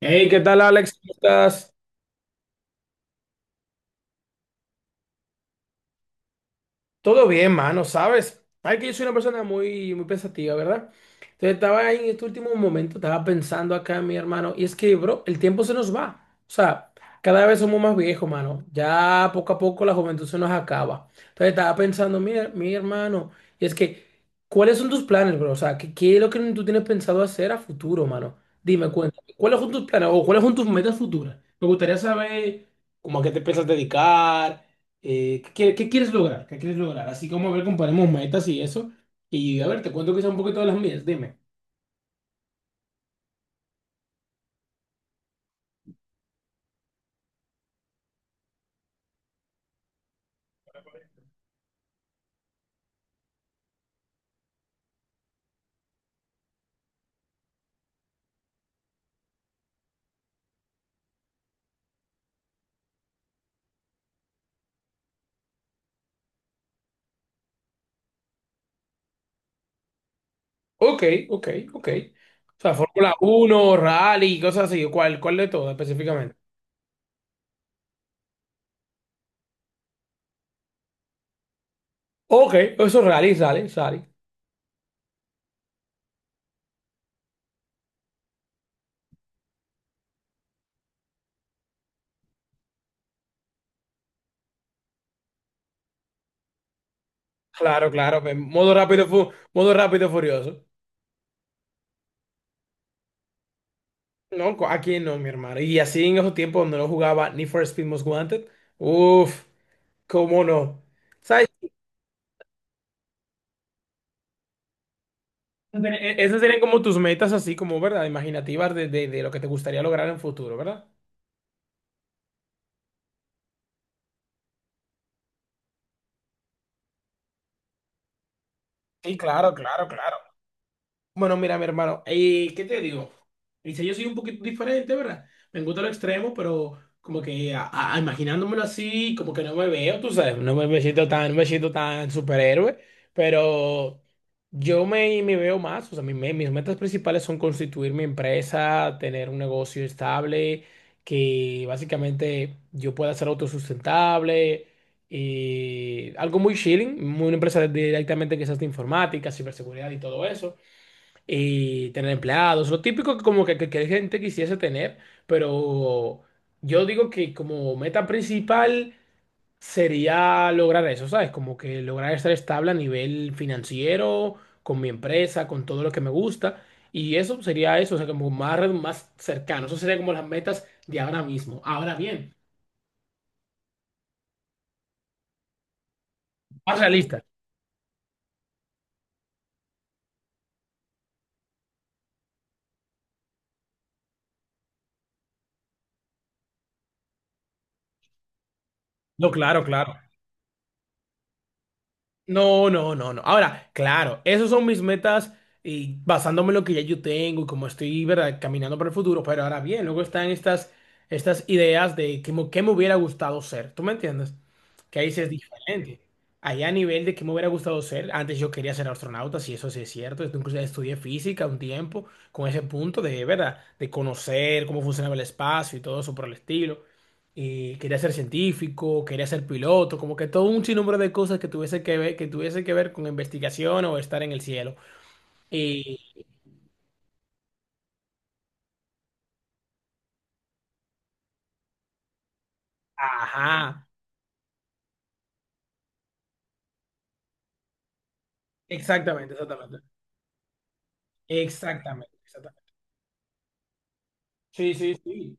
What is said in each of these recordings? Hey, ¿qué tal, Alex? ¿Cómo estás? Todo bien, mano, ¿sabes? Ay, que yo soy una persona muy, muy pensativa, ¿verdad? Entonces estaba ahí en este último momento, estaba pensando acá en mi hermano, y es que, bro, el tiempo se nos va. O sea, cada vez somos más viejos, mano. Ya poco a poco la juventud se nos acaba. Entonces estaba pensando, mi hermano, y es que, ¿cuáles son tus planes, bro? O sea, ¿qué es lo que tú tienes pensado hacer a futuro, mano? Dime, cuéntame, ¿cuáles son tus planes o cuáles son tus metas futuras? Me gustaría saber cómo a qué te piensas dedicar. Qué quieres lograr? ¿Qué quieres lograr? Así como a ver, comparemos metas y eso. Y a ver, te cuento quizá un poquito de las mías, dime. Ok, ok, ok. O sea, Fórmula uno rally, cosas así. ¿Cuál de todo específicamente? Ok, eso es rally, sale, sale. Claro, claro. Pues, modo rápido, modo rápido furioso. No, aquí no, mi hermano. Y así en esos tiempos donde no jugaba ni for Speed Most Wanted. Uf, cómo no. ¿Sabes? Esas serían como tus metas así como, ¿verdad? Imaginativas de, de lo que te gustaría lograr en futuro, ¿verdad? Sí, claro, claro, claro. Bueno, mira, mi hermano, ¿y qué te digo? Dice, yo soy un poquito diferente, ¿verdad? Me gusta lo extremo, pero como que imaginándomelo así, como que no me veo, tú sabes, no me, me siento tan, no me siento tan superhéroe, pero me veo más, o sea, mis metas principales son constituir mi empresa, tener un negocio estable, que básicamente yo pueda ser autosustentable. Y algo muy chilling, una empresa directamente quizás de informática, ciberseguridad y todo eso y tener empleados, lo típico que como que gente quisiese tener, pero yo digo que como meta principal sería lograr eso, ¿sabes? Como que lograr estar estable a nivel financiero, con mi empresa, con todo lo que me gusta, y eso sería eso, o sea, como más, más cercano, eso sería como las metas de ahora mismo. Ahora bien, más realistas. No, claro, claro. No, no, no, no. Ahora, claro, esas son mis metas y basándome en lo que ya yo tengo y como estoy, ¿verdad? Caminando para el futuro. Pero ahora bien, luego están estas ideas de que, qué me hubiera gustado ser. ¿Tú me entiendes? Que ahí sí es diferente. Ahí a nivel de qué me hubiera gustado ser, antes yo quería ser astronauta, si eso sí es cierto. Esto incluso estudié física un tiempo con ese punto de, ¿verdad? De conocer cómo funcionaba el espacio y todo eso por el estilo y quería ser científico, quería ser piloto, como que todo un sinnúmero de cosas que tuviese que ver, que tuviese que ver con investigación o estar en el cielo. Y, ajá, exactamente, exactamente, exactamente, exactamente. Sí, sí, sí.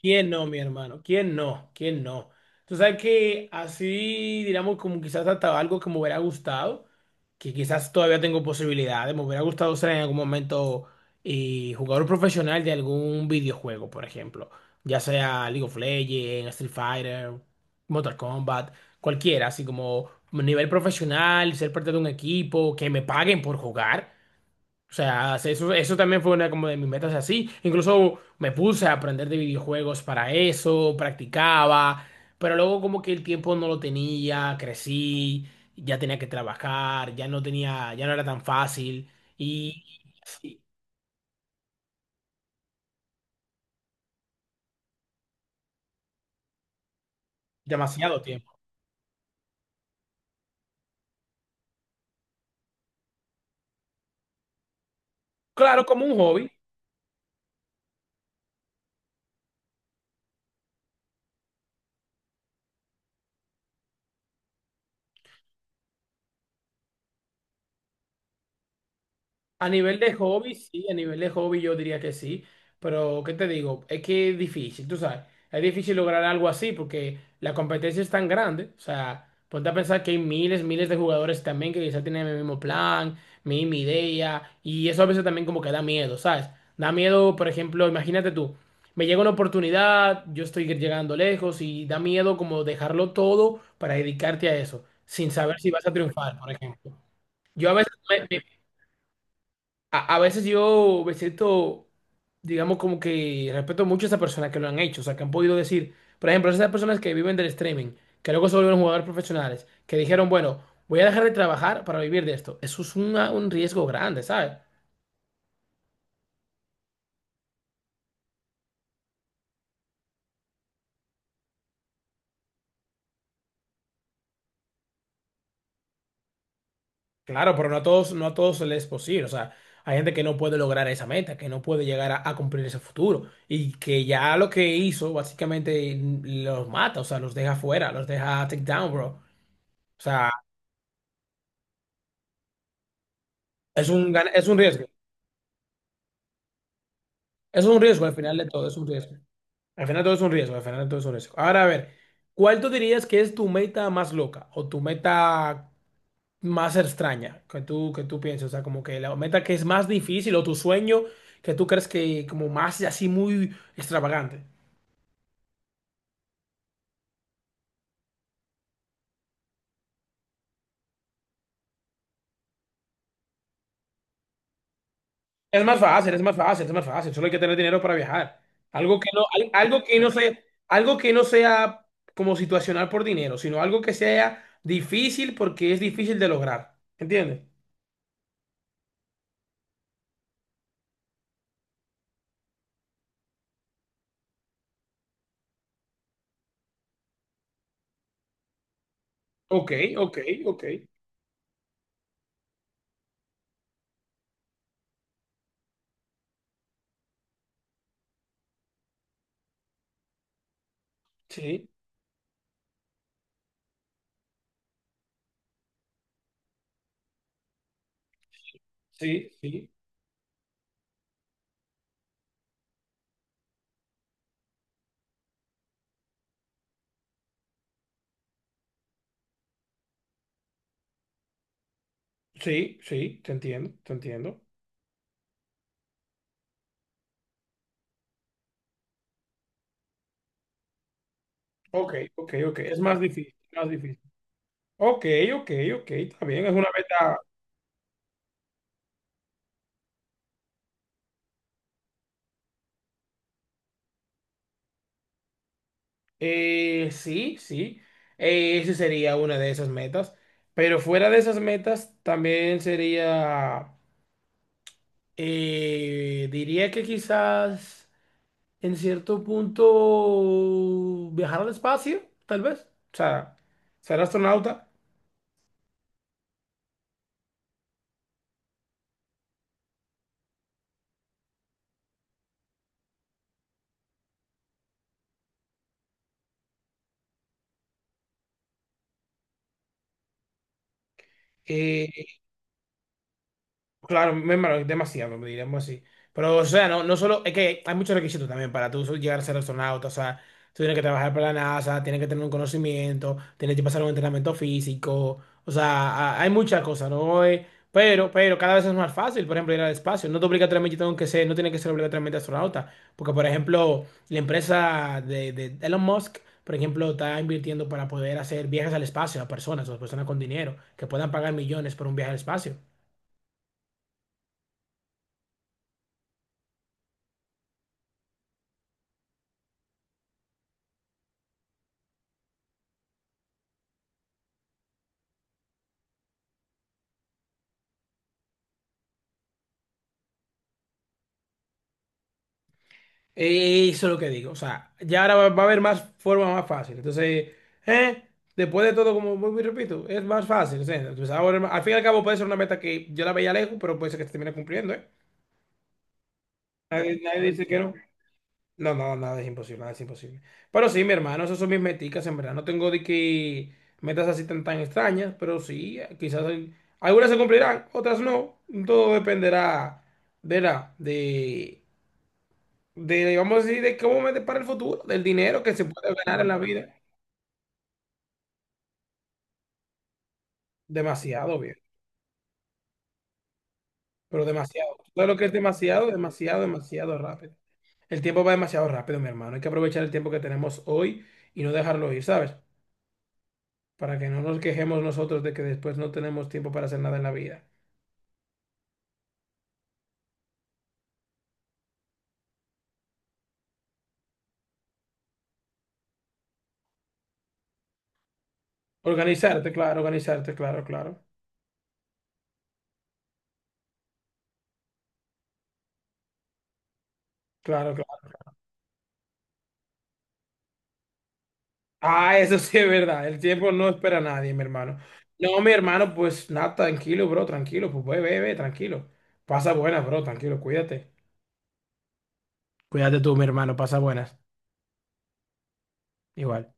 ¿Quién no, mi hermano? ¿Quién no? ¿Quién no? Tú sabes que así, digamos, como quizás hasta algo que me hubiera gustado, que quizás todavía tengo posibilidades, me hubiera gustado ser en algún momento jugador profesional de algún videojuego, por ejemplo, ya sea League of Legends, Street Fighter, Mortal Kombat, cualquiera, así como nivel profesional, ser parte de un equipo, que me paguen por jugar. O sea, eso también fue una como de mis metas así. Incluso me puse a aprender de videojuegos para eso, practicaba, pero luego como que el tiempo no lo tenía, crecí, ya tenía que trabajar, ya no tenía, ya no era tan fácil y, y demasiado tiempo. Claro, como un hobby. A nivel de hobby, sí, a nivel de hobby yo diría que sí, pero ¿qué te digo? Es que es difícil, tú sabes, es difícil lograr algo así porque la competencia es tan grande, o sea, ponte a pensar que hay miles, miles de jugadores también que quizá tienen el mismo plan, misma idea, y eso a veces también como que da miedo, ¿sabes? Da miedo, por ejemplo, imagínate tú, me llega una oportunidad, yo estoy llegando lejos y da miedo como dejarlo todo para dedicarte a eso, sin saber si vas a triunfar, por ejemplo. Yo a veces me, a veces yo me siento, digamos, como que respeto mucho a esas personas que lo han hecho, o sea, que han podido decir, por ejemplo, esas personas que viven del streaming, que luego se volvieron jugadores profesionales, que dijeron, bueno, voy a dejar de trabajar para vivir de esto. Eso es un riesgo grande, ¿sabes? Claro, pero no a todos, no a todos les es posible, o sea, hay gente que no puede lograr esa meta, que no puede llegar a cumplir ese futuro y que ya lo que hizo básicamente los mata, o sea, los deja fuera, los deja take down, bro. O sea, es es un riesgo. Es un riesgo, al final de todo es un riesgo. Al final de todo es un riesgo, al final de todo es un riesgo. Ahora, a ver, ¿cuál tú dirías que es tu meta más loca o tu meta más extraña que que tú pienses? O sea, como que la meta que es más difícil o tu sueño que tú crees que como más así muy extravagante. Es más fácil, es más fácil, es más fácil. Solo hay que tener dinero para viajar. Algo que no, algo que no sea, algo que no sea como situacional por dinero, sino algo que sea difícil porque es difícil de lograr. ¿Entiendes? Ok, ok, ok. Sí, sí, sí, sí, sí, te entiendo, te entiendo. Ok, ok, ok. Es más difícil, más difícil. Ok, ok, ok, está bien, es una meta. Sí, sí, esa sería una de esas metas. Pero fuera de esas metas, también sería, diría que quizás en cierto punto viajar al espacio, tal vez. O sea, ser astronauta. eh, Claro, me embargo, demasiado, diríamos así. Pero, o sea, no, no solo, es que hay muchos requisitos también para tú llegar a ser astronauta, o sea, tú tienes que trabajar para la NASA, tienes que tener un conocimiento, tienes que pasar un entrenamiento físico, o sea, hay muchas cosas, ¿no? Pero cada vez es más fácil, por ejemplo, ir al espacio. No te obligatoriamente tengo que ser, no tiene que ser obligatoriamente astronauta, porque, por ejemplo, la empresa de Elon Musk, por ejemplo, está invirtiendo para poder hacer viajes al espacio a personas, o personas con dinero, que puedan pagar millones por un viaje al espacio. Eso es lo que digo. O sea, ya ahora va a haber más formas más fáciles. Entonces, ¿eh? Después de todo, como vuelvo y repito, es más fácil. O sea, entonces ahora, al fin y al cabo puede ser una meta que yo la veía lejos, pero puede ser que se termine cumpliendo, ¿eh? Nadie, nadie dice que no. No, no, nada es imposible, nada es imposible. Pero sí, mi hermano, esas son mis meticas, en verdad. No tengo de que metas así tan, tan extrañas, pero sí, algunas se cumplirán, otras no. Todo dependerá, verá, de, vamos a decir, de cómo me depara el futuro, del dinero que se puede ganar en la vida. Demasiado bien, pero demasiado. Todo lo que es demasiado, demasiado, demasiado rápido. El tiempo va demasiado rápido, mi hermano. Hay que aprovechar el tiempo que tenemos hoy y no dejarlo ir, ¿sabes? Para que no nos quejemos nosotros de que después no tenemos tiempo para hacer nada en la vida. Organizarte, claro, claro. Claro, claro. Ah, eso sí es verdad. El tiempo no espera a nadie, mi hermano. No, mi hermano, pues nada, tranquilo, bro, tranquilo, pues ve, ve, ve, tranquilo. Pasa buena, bro, tranquilo, cuídate. Cuídate tú, mi hermano, pasa buenas. Igual.